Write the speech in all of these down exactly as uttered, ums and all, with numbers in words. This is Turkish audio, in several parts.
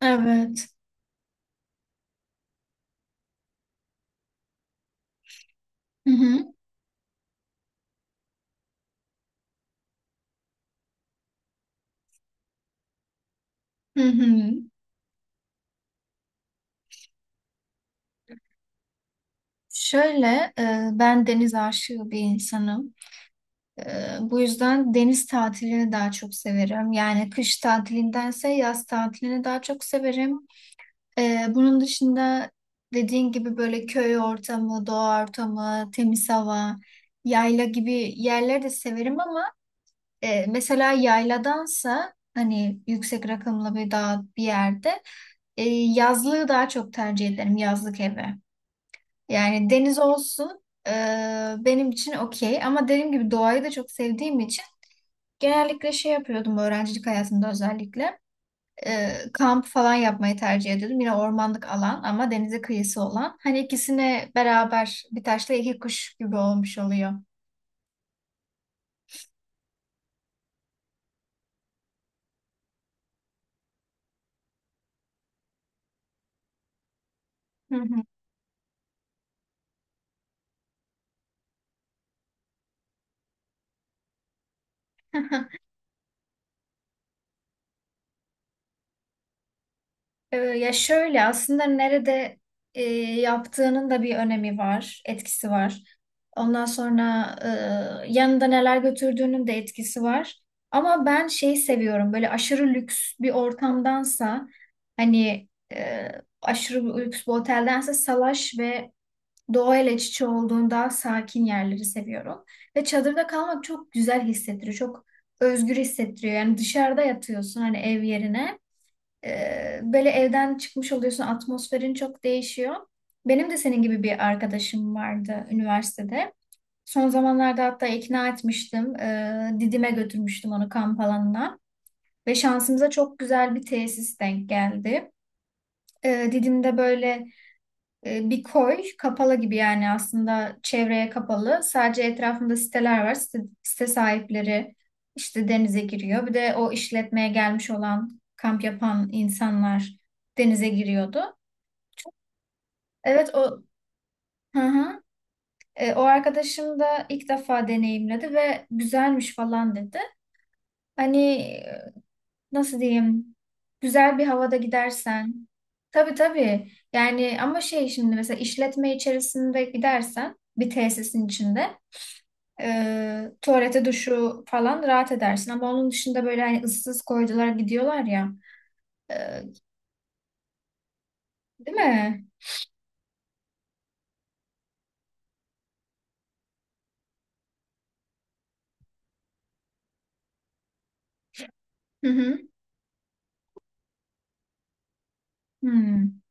Evet. Hı hı. Hı hı. Şöyle, e, ben deniz aşığı bir insanım. E, bu yüzden deniz tatilini daha çok severim. Yani kış tatilindense yaz tatilini daha çok severim. E, bunun dışında dediğin gibi böyle köy ortamı, doğa ortamı, temiz hava, yayla gibi yerleri de severim ama e, mesela yayladansa hani yüksek rakımlı bir dağ bir yerde e, yazlığı daha çok tercih ederim, yazlık evi. Yani deniz olsun e, benim için okey ama dediğim gibi doğayı da çok sevdiğim için genellikle şey yapıyordum öğrencilik hayatımda özellikle E, kamp falan yapmayı tercih ediyordum. Yine ormanlık alan ama denize kıyısı olan. Hani ikisine beraber bir taşla iki kuş gibi olmuş oluyor. Hı hı. Ee, Ya şöyle aslında nerede e, yaptığının da bir önemi var, etkisi var. Ondan sonra e, yanında neler götürdüğünün de etkisi var. Ama ben şeyi seviyorum böyle aşırı lüks bir ortamdansa hani e, aşırı bir lüks bir oteldense salaş ve doğayla iç içe olduğun daha sakin yerleri seviyorum. Ve çadırda kalmak çok güzel hissettiriyor, çok özgür hissettiriyor. Yani dışarıda yatıyorsun hani ev yerine. Ee, böyle evden çıkmış oluyorsun, atmosferin çok değişiyor. Benim de senin gibi bir arkadaşım vardı üniversitede. Son zamanlarda hatta ikna etmiştim. Ee, Didim'e götürmüştüm onu kamp alanına. Ve şansımıza çok güzel bir tesis denk geldi. Ee, Didim'de böyle e, bir koy kapalı gibi yani aslında çevreye kapalı. Sadece etrafında siteler var. Site, site sahipleri işte denize giriyor. Bir de o işletmeye gelmiş olan kamp yapan insanlar denize giriyordu. Evet o, hı hı. E, o arkadaşım da ilk defa deneyimledi ve güzelmiş falan dedi. Hani e, nasıl diyeyim? Güzel bir havada gidersen. Tabii tabii. Yani ama şey şimdi mesela işletme içerisinde gidersen bir tesisin içinde e, tuvalete duşu falan rahat edersin. Ama onun dışında böyle hani ıssız koydular gidiyorlar ya. E, Değil mi? Hı hı. Hmm,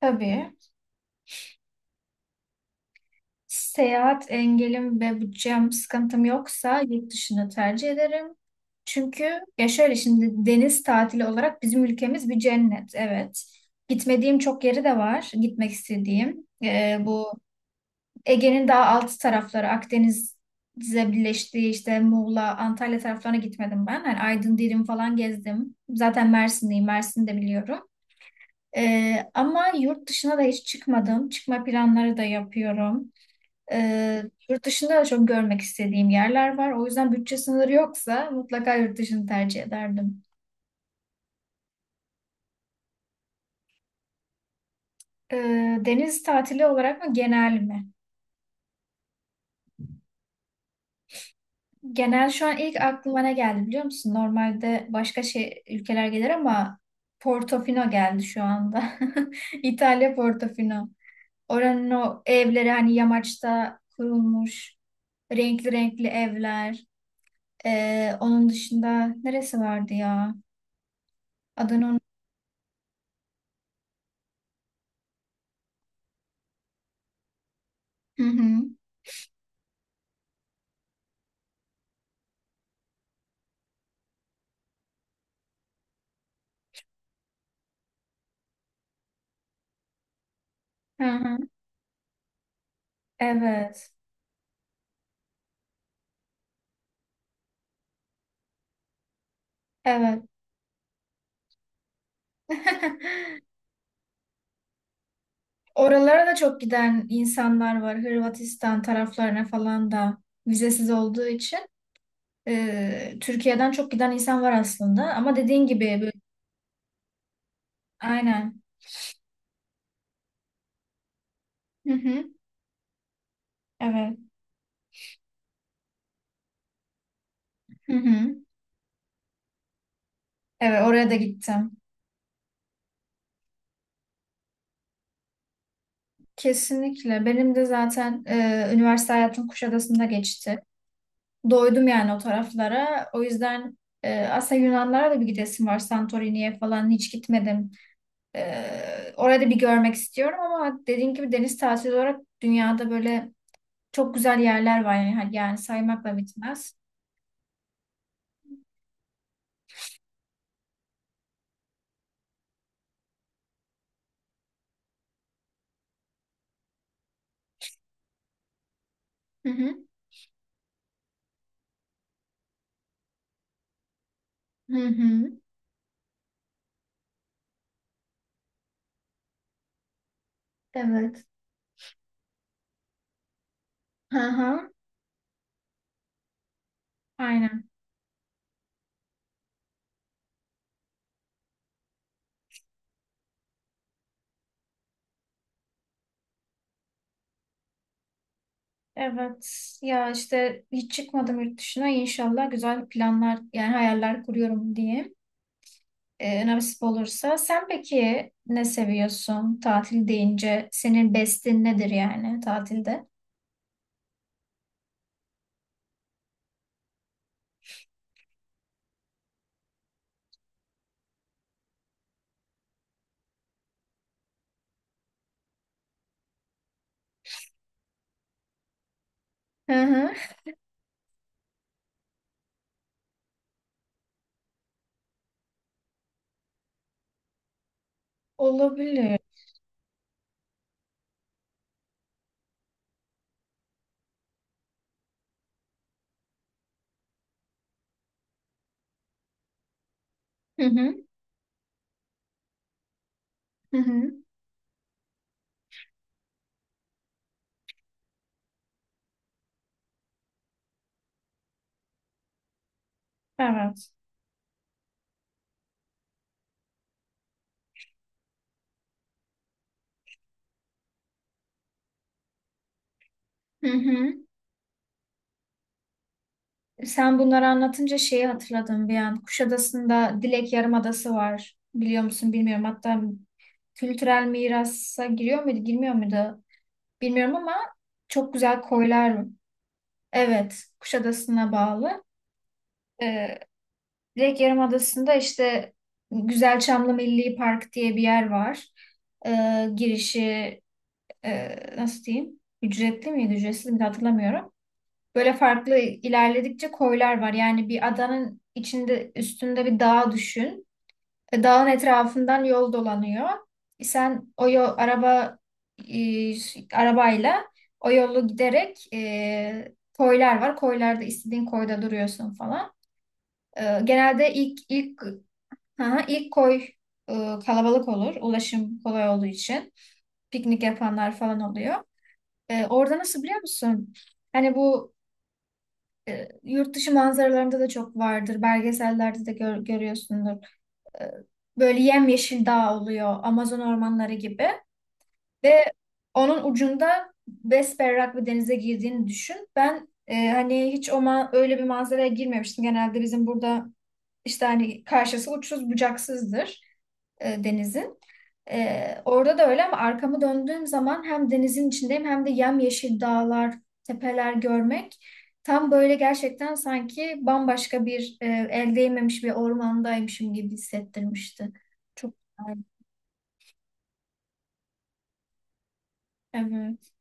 tabii. Seyahat engelim ve bütçem sıkıntım yoksa yurt dışını tercih ederim. Çünkü ya şöyle şimdi deniz tatili olarak bizim ülkemiz bir cennet. Evet. Gitmediğim çok yeri de var. Gitmek istediğim. E, bu Ege'nin daha alt tarafları Akdeniz'e birleştiği işte Muğla, Antalya taraflarına gitmedim ben. Hani Aydın, Dirim falan gezdim. Zaten Mersin'deyim, Mersin'i de biliyorum. Ee, ama yurt dışına da hiç çıkmadım. Çıkma planları da yapıyorum. Ee, Yurt dışında da çok görmek istediğim yerler var. O yüzden bütçe sınırı yoksa mutlaka yurt dışını tercih ederdim. Ee, deniz tatili olarak mı genel mi? Genel şu an ilk aklıma ne geldi biliyor musun? Normalde başka şey ülkeler gelir ama Portofino geldi şu anda. İtalya Portofino. Oranın o evleri hani yamaçta kurulmuş renkli renkli evler. Ee, onun dışında neresi vardı ya? Adını unut- Hı hı. Hı hı. Evet. Evet. Oralara da çok giden insanlar var. Hırvatistan taraflarına falan da vizesiz olduğu için. Ee, Türkiye'den çok giden insan var aslında ama dediğin gibi böyle, aynen. Hı hı. Evet. Hı hı. Evet, oraya da gittim. Kesinlikle. Benim de zaten e, üniversite hayatım Kuşadası'nda geçti. Doydum yani o taraflara. O yüzden e, aslında Yunanlara da bir gidesim var. Santorini'ye falan hiç gitmedim. E, orayı da bir görmek istiyorum ama dediğin gibi deniz tatili olarak dünyada böyle çok güzel yerler var yani. Hani yani saymakla bitmez. Hı hı. Hı hı. Evet. Hı hı, aynen. Evet. Ya işte hiç çıkmadım yurt dışına. İnşallah güzel planlar yani hayaller kuruyorum diye. Ee, nasip olursa. Sen peki ne seviyorsun tatil deyince? Senin bestin nedir yani tatilde? Hı hı. Olabilir. Hı hı. Hı hı. Evet. Hı hı. Sen bunları anlatınca şeyi hatırladım bir an. Kuşadası'nda Dilek Yarımadası var. Biliyor musun bilmiyorum. Hatta kültürel mirasa giriyor muydu, girmiyor muydu? Bilmiyorum ama çok güzel koylar mı? Evet, Kuşadası'na bağlı. Ee, Direkt Yarımadası'nda işte Güzelçamlı Milli Park diye bir yer var. Ee, girişi e, nasıl diyeyim? Ücretli miydi, ücretsiz miydi hatırlamıyorum. Böyle farklı ilerledikçe koylar var. Yani bir adanın içinde üstünde bir dağ düşün. E, Dağın etrafından yol dolanıyor. Sen o yol araba e, arabayla o yolu giderek e, koylar var. Koylarda istediğin koyda duruyorsun falan. E, genelde ilk ilk ha, ilk koy e, kalabalık olur. Ulaşım kolay olduğu için piknik yapanlar falan oluyor. E, orada nasıl biliyor musun? Hani bu e, yurt dışı manzaralarında da çok vardır. Belgesellerde de gör, görüyorsundur. e, Böyle yemyeşil dağ oluyor Amazon ormanları gibi ve onun ucunda besberrak bir denize girdiğini düşün. Ben e, hani hiç o ma- öyle bir manzaraya girmemiştim. Genelde bizim burada işte hani karşısı uçsuz bucaksızdır e, denizin. Ee, orada da öyle ama arkamı döndüğüm zaman hem denizin içindeyim hem de yemyeşil dağlar, tepeler görmek tam böyle gerçekten sanki bambaşka bir e, el değmemiş bir ormandaymışım gibi hissettirmişti. Çok güzel. Evet.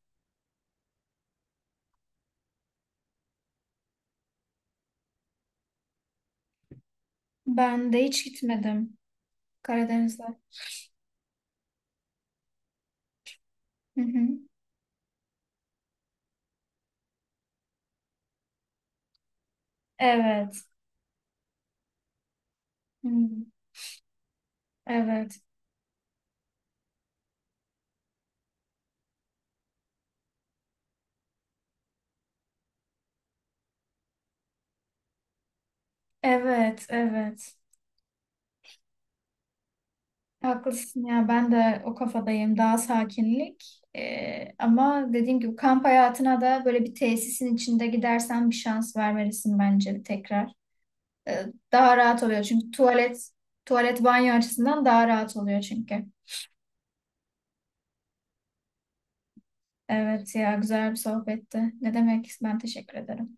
Ben de hiç gitmedim Karadeniz'e. Hı hı. Evet. Hı. Evet. Evet. Evet. Haklısın ya ben de o kafadayım daha sakinlik. Ee, ama dediğim gibi kamp hayatına da böyle bir tesisin içinde gidersen bir şans vermelisin bence tekrar. Ee, Daha rahat oluyor çünkü tuvalet tuvalet banyo açısından daha rahat oluyor çünkü. Evet ya, güzel bir sohbetti. Ne demek, ben teşekkür ederim.